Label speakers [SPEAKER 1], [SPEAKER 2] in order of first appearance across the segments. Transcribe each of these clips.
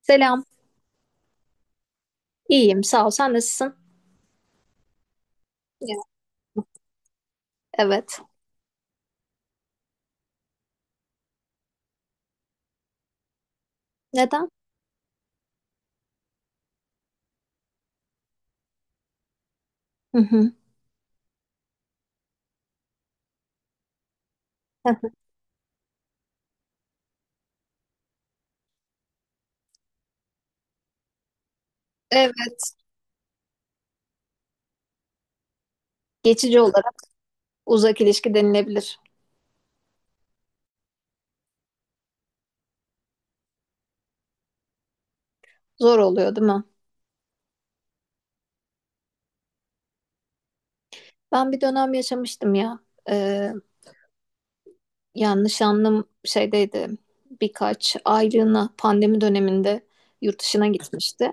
[SPEAKER 1] Selam. İyiyim, sağ ol. Sen nasılsın? Ya. Evet. Neden? Hı hı. Evet. Geçici olarak uzak ilişki denilebilir. Zor oluyor, değil mi? Ben bir dönem yaşamıştım ya. Ee, yani nişanlım şeydeydi. Birkaç aylığına pandemi döneminde yurt dışına gitmişti.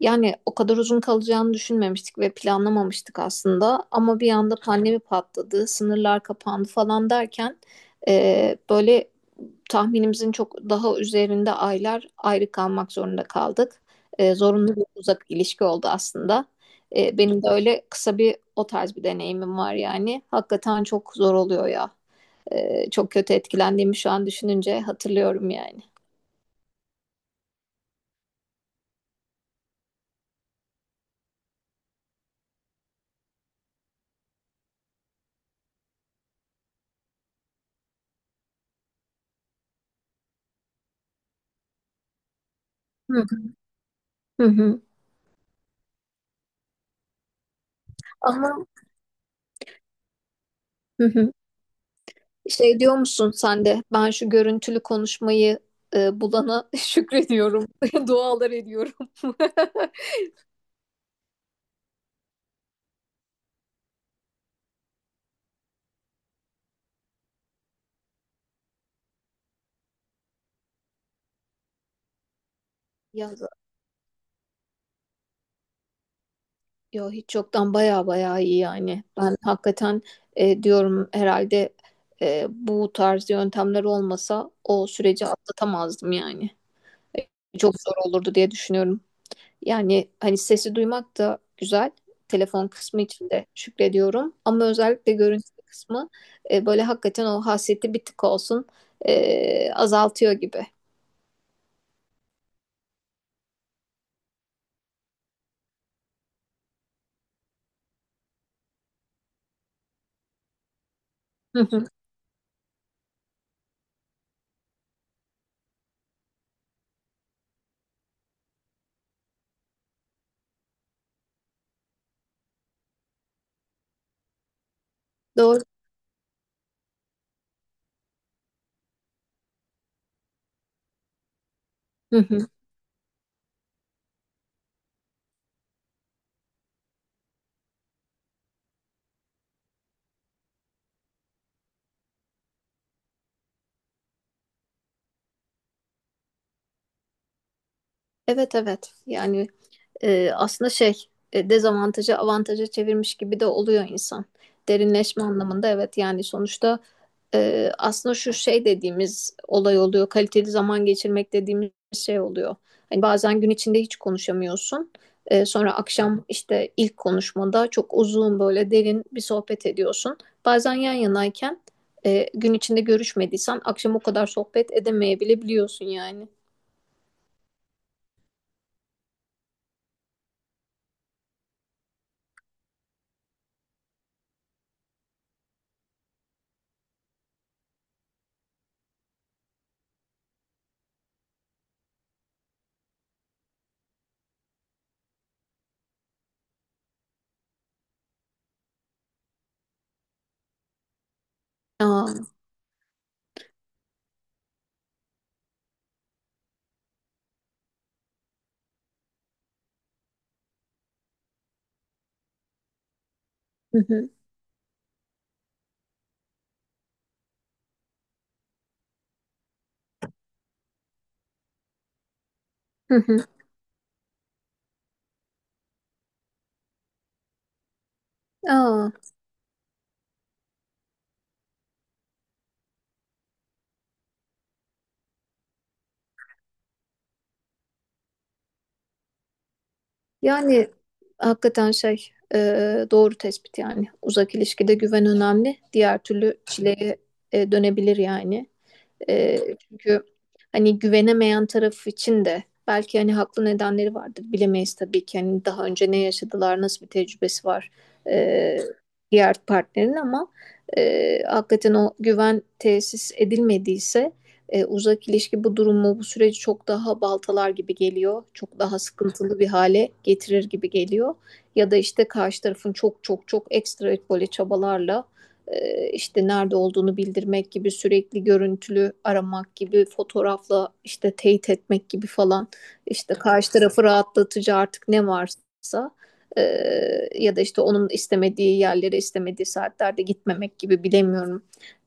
[SPEAKER 1] Yani o kadar uzun kalacağını düşünmemiştik ve planlamamıştık aslında. Ama bir anda pandemi patladı, sınırlar kapandı falan derken böyle tahminimizin çok daha üzerinde aylar ayrı kalmak zorunda kaldık. Zorunlu bir uzak ilişki oldu aslında. Benim de öyle kısa bir o tarz bir deneyimim var yani. Hakikaten çok zor oluyor ya. Çok kötü etkilendiğimi şu an düşününce hatırlıyorum yani. Hı hı. Hı. Hı. Ama hı hı. Şey diyor musun sen de? Ben şu görüntülü konuşmayı bulana şükrediyorum. Dualar ediyorum. Ya, yo, hiç yoktan baya baya iyi yani. Ben hakikaten diyorum herhalde bu tarz yöntemler olmasa o süreci atlatamazdım yani. Çok zor olurdu diye düşünüyorum. Yani hani sesi duymak da güzel. Telefon kısmı için de şükrediyorum. Ama özellikle görüntü kısmı böyle hakikaten o hasreti bir tık olsun azaltıyor gibi. Hı hı. Doğru. Hı hı. Evet, evet. Yani aslında şey dezavantajı avantaja çevirmiş gibi de oluyor insan. Derinleşme anlamında evet yani sonuçta aslında şu şey dediğimiz olay oluyor. Kaliteli zaman geçirmek dediğimiz şey oluyor. Hani bazen gün içinde hiç konuşamıyorsun. Sonra akşam işte ilk konuşmada çok uzun böyle derin bir sohbet ediyorsun. Bazen yan yanayken gün içinde görüşmediysen akşam o kadar sohbet edemeyebiliyorsun yani. Aa. Hı hı. Hı hı. Aa. Yani hakikaten şey doğru tespit yani. Uzak ilişkide güven önemli. Diğer türlü çileye dönebilir yani. E, Çünkü hani güvenemeyen taraf için de belki hani haklı nedenleri vardır. Bilemeyiz tabii ki hani daha önce ne yaşadılar, nasıl bir tecrübesi var e, diğer partnerin ama hakikaten o güven tesis edilmediyse uzak ilişki bu durumu, bu süreci çok daha baltalar gibi geliyor. Çok daha sıkıntılı bir hale getirir gibi geliyor. Ya da işte karşı tarafın çok çok çok ekstra böyle çabalarla işte nerede olduğunu bildirmek gibi, sürekli görüntülü aramak gibi, fotoğrafla işte teyit etmek gibi falan, işte karşı tarafı rahatlatıcı artık ne varsa, e, ya da işte onun istemediği yerlere istemediği saatlerde gitmemek gibi, bilemiyorum.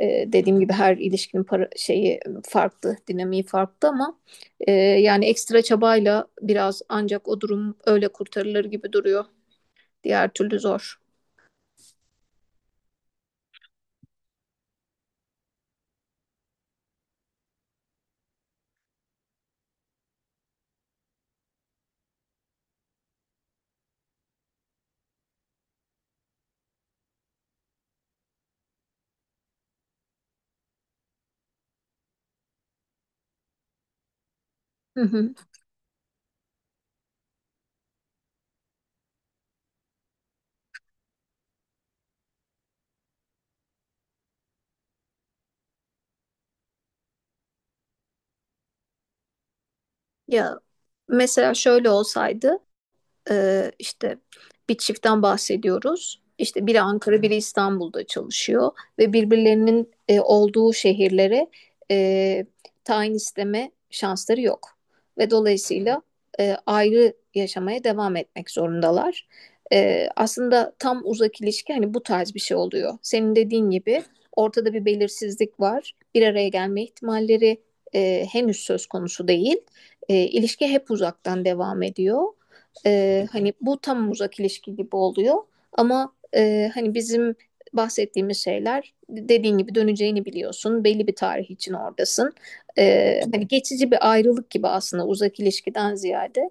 [SPEAKER 1] Dediğim gibi her ilişkinin para, şeyi farklı, dinamiği farklı ama yani ekstra çabayla biraz ancak o durum öyle kurtarılır gibi duruyor. Diğer türlü zor. Hı hı. Ya mesela şöyle olsaydı işte bir çiftten bahsediyoruz. İşte biri Ankara, biri İstanbul'da çalışıyor ve birbirlerinin olduğu şehirlere e, tayin isteme şansları yok. Ve dolayısıyla ayrı yaşamaya devam etmek zorundalar. Aslında tam uzak ilişki hani bu tarz bir şey oluyor. Senin dediğin gibi ortada bir belirsizlik var. Bir araya gelme ihtimalleri henüz söz konusu değil. İlişki hep uzaktan devam ediyor, hani bu tam uzak ilişki gibi oluyor ama hani bizim bahsettiğimiz şeyler dediğin gibi döneceğini biliyorsun. Belli bir tarih için oradasın. Hani geçici bir ayrılık gibi aslında uzak ilişkiden ziyade.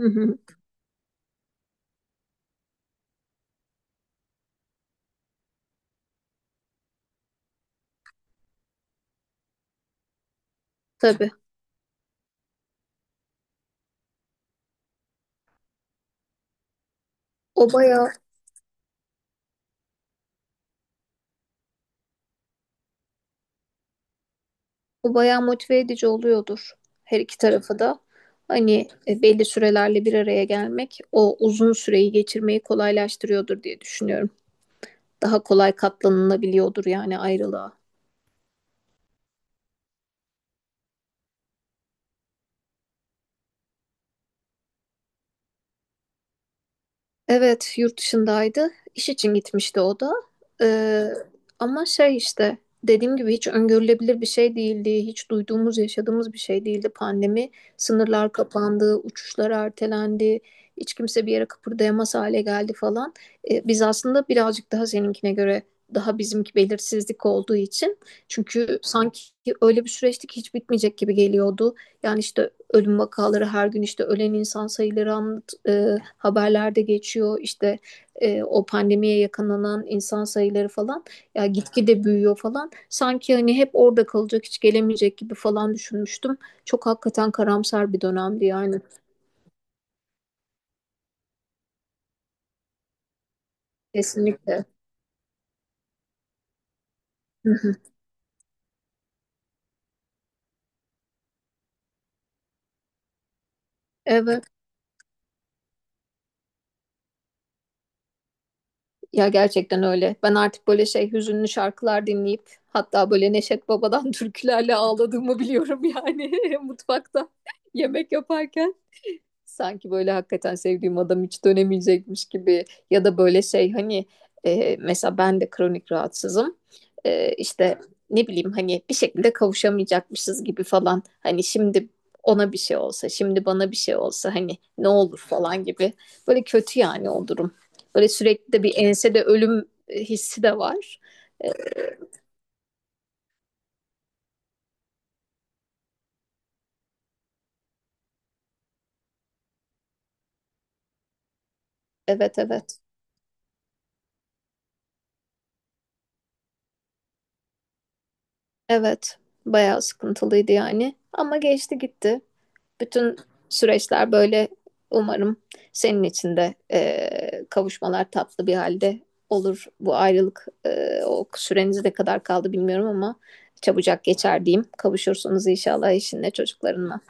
[SPEAKER 1] Hı hı, tabii. O bayağı o bayağı motive edici oluyordur her iki tarafı da. Hani belli sürelerle bir araya gelmek o uzun süreyi geçirmeyi kolaylaştırıyordur diye düşünüyorum. Daha kolay katlanılabiliyordur yani ayrılığa. Evet, yurt dışındaydı. İş için gitmişti o da. Ee, Ama şey işte dediğim gibi hiç öngörülebilir bir şey değildi. Hiç duyduğumuz, yaşadığımız bir şey değildi. Pandemi, sınırlar kapandı, uçuşlar ertelendi. Hiç kimse bir yere kıpırdayamaz hale geldi falan. Biz aslında birazcık daha seninkine göre daha bizimki belirsizlik olduğu için. Çünkü sanki öyle bir süreçti ki hiç bitmeyecek gibi geliyordu. Yani işte ölüm vakaları her gün, işte ölen insan sayıları haberlerde geçiyor işte, o pandemiye yakalanan insan sayıları falan ya gitgide büyüyor falan, sanki hani hep orada kalacak hiç gelemeyecek gibi falan düşünmüştüm. Çok hakikaten karamsar bir dönemdi yani. Kesinlikle. Hı hı. Evet. Ya gerçekten öyle. Ben artık böyle şey, hüzünlü şarkılar dinleyip hatta böyle Neşet Baba'dan türkülerle ağladığımı biliyorum yani, mutfakta yemek yaparken. Sanki böyle hakikaten sevdiğim adam hiç dönemeyecekmiş gibi, ya da böyle şey hani, mesela ben de kronik rahatsızım. İşte ne bileyim hani bir şekilde kavuşamayacakmışız gibi falan. Hani şimdi ona bir şey olsa, şimdi bana bir şey olsa hani ne olur falan gibi. Böyle kötü yani o durum. Böyle sürekli de bir ensede ölüm hissi de var. E, evet, evet. Evet. Bayağı sıkıntılıydı yani. Ama geçti gitti. Bütün süreçler böyle, umarım senin için de kavuşmalar tatlı bir halde olur. Bu ayrılık, o süreniz ne kadar kaldı bilmiyorum ama çabucak geçer diyeyim. Kavuşursunuz inşallah eşinle çocuklarınla.